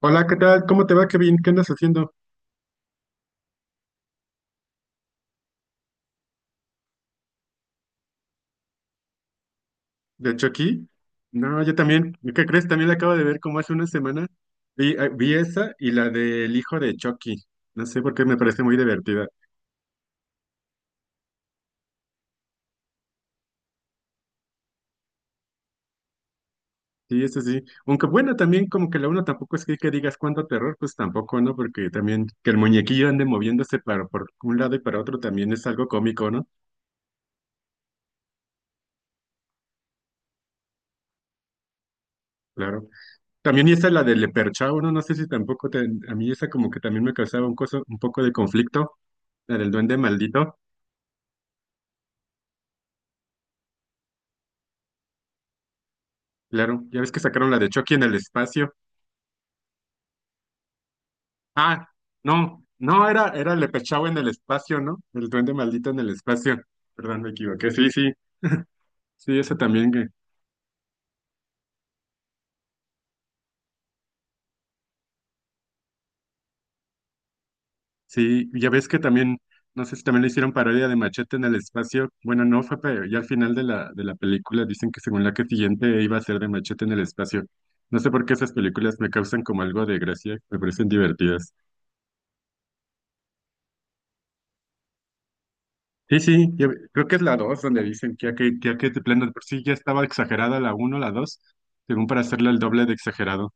Hola, ¿qué tal? ¿Cómo te va? ¿Qué bien? ¿Qué andas haciendo? De hecho, aquí. No, yo también. ¿Qué crees? También la acabo de ver como hace una semana. Vi, vi esa y la del hijo de Chucky. No sé por qué me parece muy divertida. Sí, eso sí. Aunque bueno, también como que la uno tampoco es que digas cuánto terror, pues tampoco, ¿no? Porque también que el muñequillo ande moviéndose para, por un lado y para otro también es algo cómico, ¿no? Claro. También y esa la del Leperchao, ¿no? No sé si tampoco te- a mí esa como que también me causaba un, coso, un poco de conflicto, la del duende maldito. Claro, ya ves que sacaron la de Chucky en el espacio. Ah, no, no, era Lepechaue en el espacio, ¿no? El duende maldito en el espacio. Perdón, me equivoqué. Sí, sí, sí, esa también. Sí, ya ves que también, no sé si también le hicieron parodia de Machete en el espacio. Bueno, no fue, pero ya al final de la película dicen que según la que siguiente iba a ser de Machete en el espacio. No sé por qué esas películas me causan como algo de gracia, me parecen divertidas. Sí, sí, yo creo que es la 2 donde dicen que ya que ya que de plano de por sí ya estaba exagerada la uno, la 2, según para hacerla el doble de exagerado.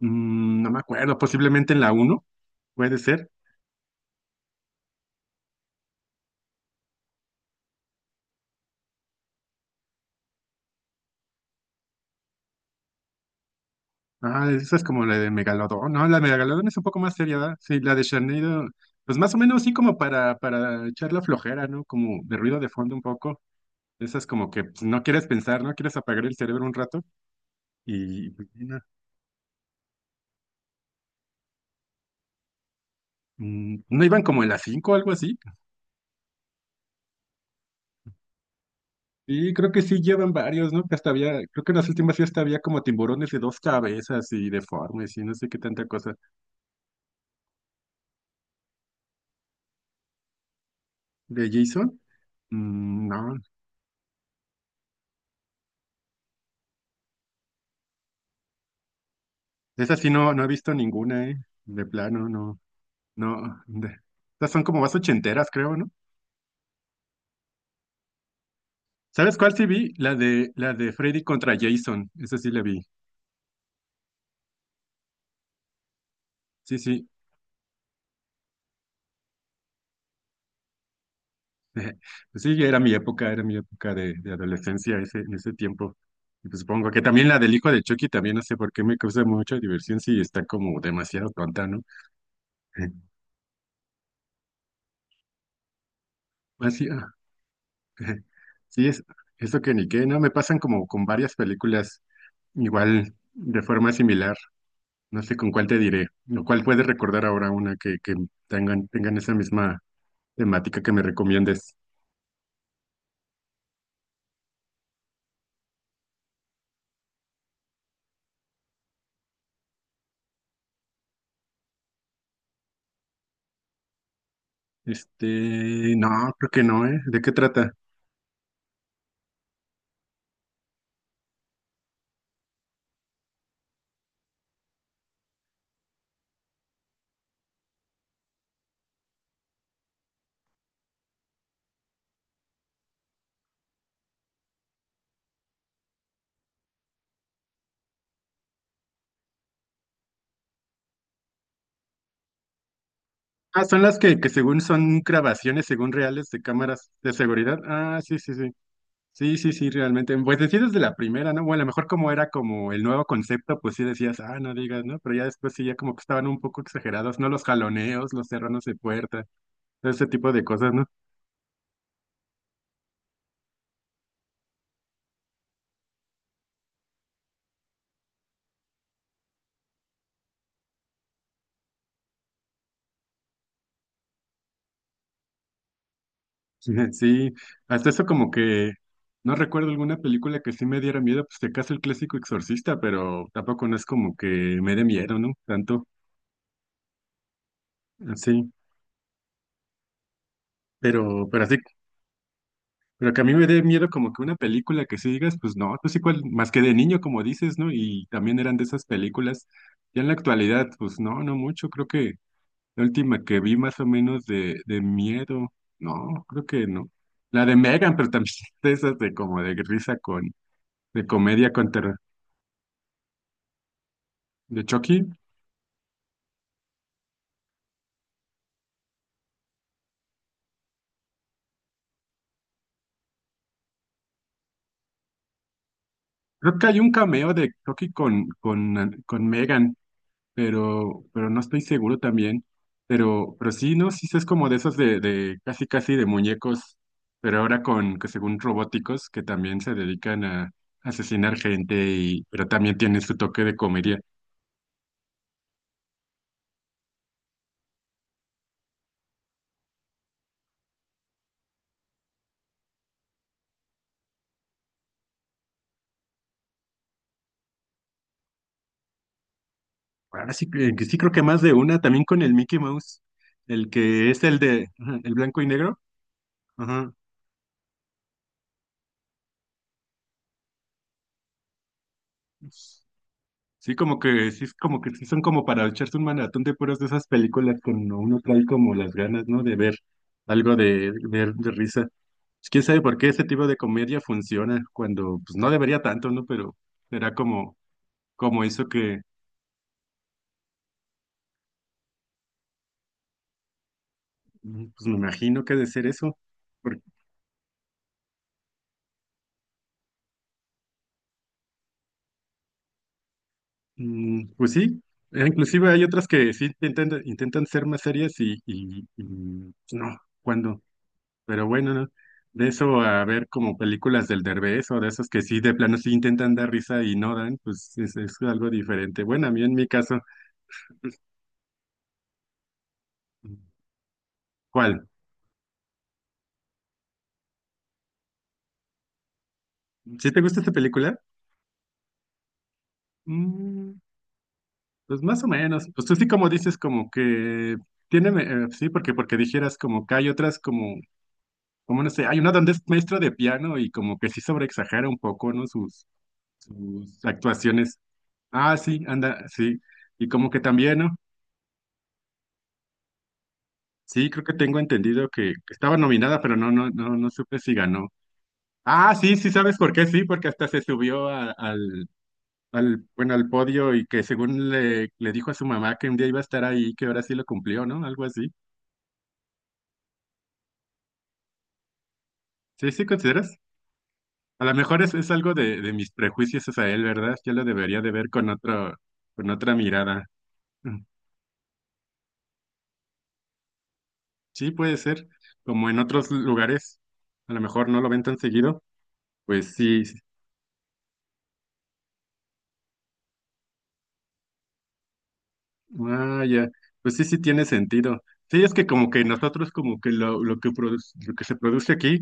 Mm, no me acuerdo, posiblemente en la uno puede ser. Ah, esa es como la de Megalodón. No, la de Megalodón es un poco más seria, ¿verdad? Sí, la de Sharknado, pues más o menos sí como para echar la flojera, ¿no? Como de ruido de fondo un poco. Esa es como que pues, no quieres pensar, no quieres apagar el cerebro un rato. Y pues, no, mm, ¿no iban como en la 5, o algo así? Y creo que sí llevan varios, ¿no? Que hasta había, creo que en las últimas sí hasta había como tiburones de dos cabezas y deformes y no sé qué tanta cosa. ¿De Jason? Mm, no, esa sí no, no he visto ninguna, ¿eh? De plano, no, no. Estas son como más ochenteras, creo, ¿no? ¿Sabes cuál sí vi? La de Freddy contra Jason, esa sí la vi. Sí, sí, pues sí, era mi época de adolescencia ese, en ese tiempo. Y pues supongo que también la del hijo de Chucky también no sé por qué me causa mucha diversión si está como demasiado tonta, ¿no? Así, ah, sí, es eso que ni qué, no, me pasan como con varias películas igual de forma similar. No sé con cuál te diré, o cuál puedes recordar ahora una que tengan esa misma temática que me recomiendes. Este, no, creo que no, ¿eh? ¿De qué trata? Ah, son las que según son grabaciones, según reales de cámaras de seguridad. Ah, sí, sí, sí. Sí, sí, sí, realmente. Pues decías desde la primera, ¿no? Bueno, a lo mejor como era como el nuevo concepto, pues sí decías, ah, no digas, ¿no? Pero ya después sí, ya como que estaban un poco exagerados, ¿no? Los jaloneos, los cerranos de puerta, todo ese tipo de cosas, ¿no? Sí, hasta eso como que no recuerdo alguna película que sí me diera miedo, pues de caso el clásico Exorcista, pero tampoco no es como que me dé miedo, ¿no? Tanto, sí. Pero así pero que a mí me dé miedo como que una película que sí digas, pues no, pues igual, más que de niño, como dices, ¿no? Y también eran de esas películas. Ya en la actualidad, pues no, no mucho. Creo que la última que vi más o menos de miedo, no, creo que no. La de Megan, pero también de esas de como de risa con, de comedia con terror, de Chucky. Creo que hay un cameo de Chucky con Megan, pero no estoy seguro también. Pero sí, ¿no? Sí, es como de esos de casi casi de muñecos, pero ahora con, que según robóticos, que también se dedican a asesinar gente, y, pero también tienen su toque de comedia. Ahora sí, que sí creo que más de una, también con el Mickey Mouse, el, que es el de ajá, el blanco y negro. Ajá. Sí, como que sí, es como que sí son como para echarse un maratón de puras de esas películas que uno trae como las ganas, ¿no? De ver algo de risa. Pues ¿quién sabe por qué ese tipo de comedia funciona cuando, pues no debería tanto, ¿no? Pero será como, como eso que, mm, pues me imagino que ha de ser eso. Por- mm, pues sí, inclusive hay otras que sí intentan ser más serias y, pues, no, cuando pero bueno, ¿no? De eso a ver como películas del Derbez o de esos que sí, de plano sí intentan dar risa y no dan, pues es algo diferente. Bueno, a mí en mi caso, ¿cuál? ¿Sí te gusta esta película? Mm, pues más o menos. Pues tú sí como dices como que tiene, sí, porque dijeras como que hay otras como, como no sé, hay una donde es maestro de piano y como que sí sobreexagera un poco, ¿no? Sus, sus actuaciones. Ah, sí, anda, sí. Y como que también, ¿no? Sí, creo que tengo entendido que estaba nominada, pero no supe si ganó. Ah, sí, sí, ¿sabes por qué? Sí, porque hasta se subió al, al, bueno, al podio y que según le, le dijo a su mamá que un día iba a estar ahí, que ahora sí lo cumplió, ¿no? Algo así. Sí, sí, ¿consideras? A lo mejor es algo de mis prejuicios hacia él, ¿verdad? Yo lo debería de ver con otro, con otra mirada. Mm, sí, puede ser. Como en otros lugares, a lo mejor no lo ven tan seguido. Pues sí, ah, ya. Pues sí, sí tiene sentido. Sí, es que como que nosotros como que lo que produce, lo que se produce aquí,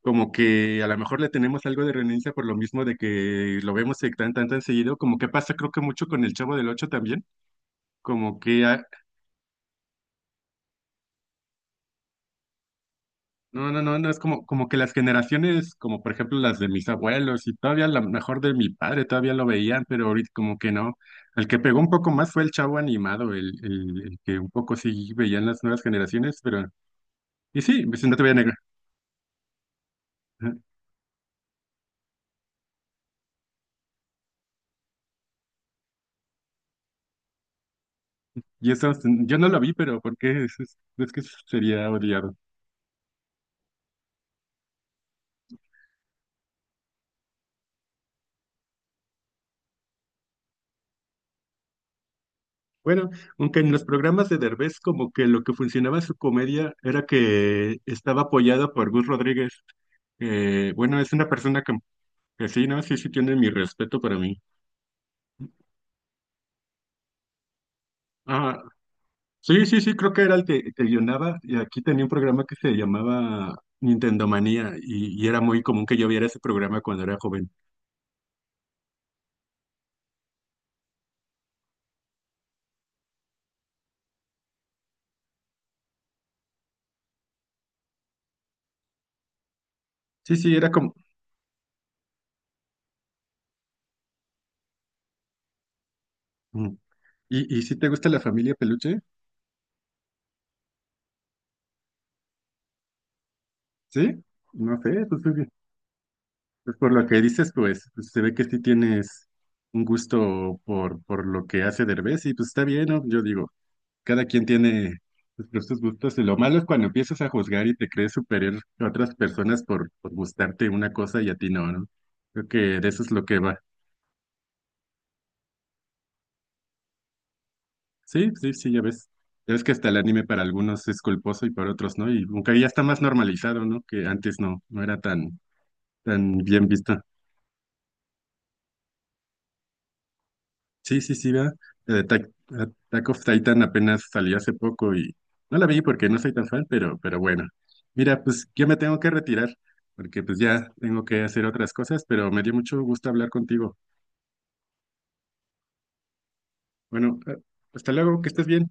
como que a lo mejor le tenemos algo de renuncia por lo mismo de que lo vemos tan tan tan seguido, como que pasa creo que mucho con el Chavo del Ocho también, como que ah, no es como como que las generaciones, como por ejemplo las de mis abuelos y todavía a lo mejor de mi padre todavía lo veían, pero ahorita como que no. El que pegó un poco más fue el Chavo animado, el que un poco sí veían las nuevas generaciones, pero y sí, pues, si no te voy a negar. Y eso, yo no lo vi, pero ¿por qué? Es, es que sería odiado. Bueno, aunque en los programas de Derbez como que lo que funcionaba en su comedia era que estaba apoyado por Gus Rodríguez. Bueno, es una persona que sí, ¿no? Sí, sí, tiene mi respeto para mí. Ah, sí, sí, sí, creo que era el que guionaba y aquí tenía un programa que se llamaba Nintendo Manía y era muy común que yo viera ese programa cuando era joven. Sí, sí, era como... Mm. Y si te gusta la familia Peluche? ¿Sí? No sé, pues, pues por lo que dices, pues, pues se ve que sí tienes un gusto por lo que hace Derbez y pues está bien, ¿no? Yo digo, cada quien tiene sus propios gustos y lo malo es cuando empiezas a juzgar y te crees superior a otras personas por gustarte una cosa y a ti no, ¿no? Creo que de eso es lo que va. Sí, sí, sí, ya ves. Ya ves que hasta el anime para algunos es culposo y para otros no, y aunque ya está más normalizado, ¿no? Que antes no, no era tan, tan bien visto. Sí, sí, sí, va. Attack, Attack of Titan apenas salió hace poco y no la vi porque no soy tan fan, pero bueno. Mira, pues yo me tengo que retirar porque pues ya tengo que hacer otras cosas, pero me dio mucho gusto hablar contigo. Bueno, hasta luego, que estés bien.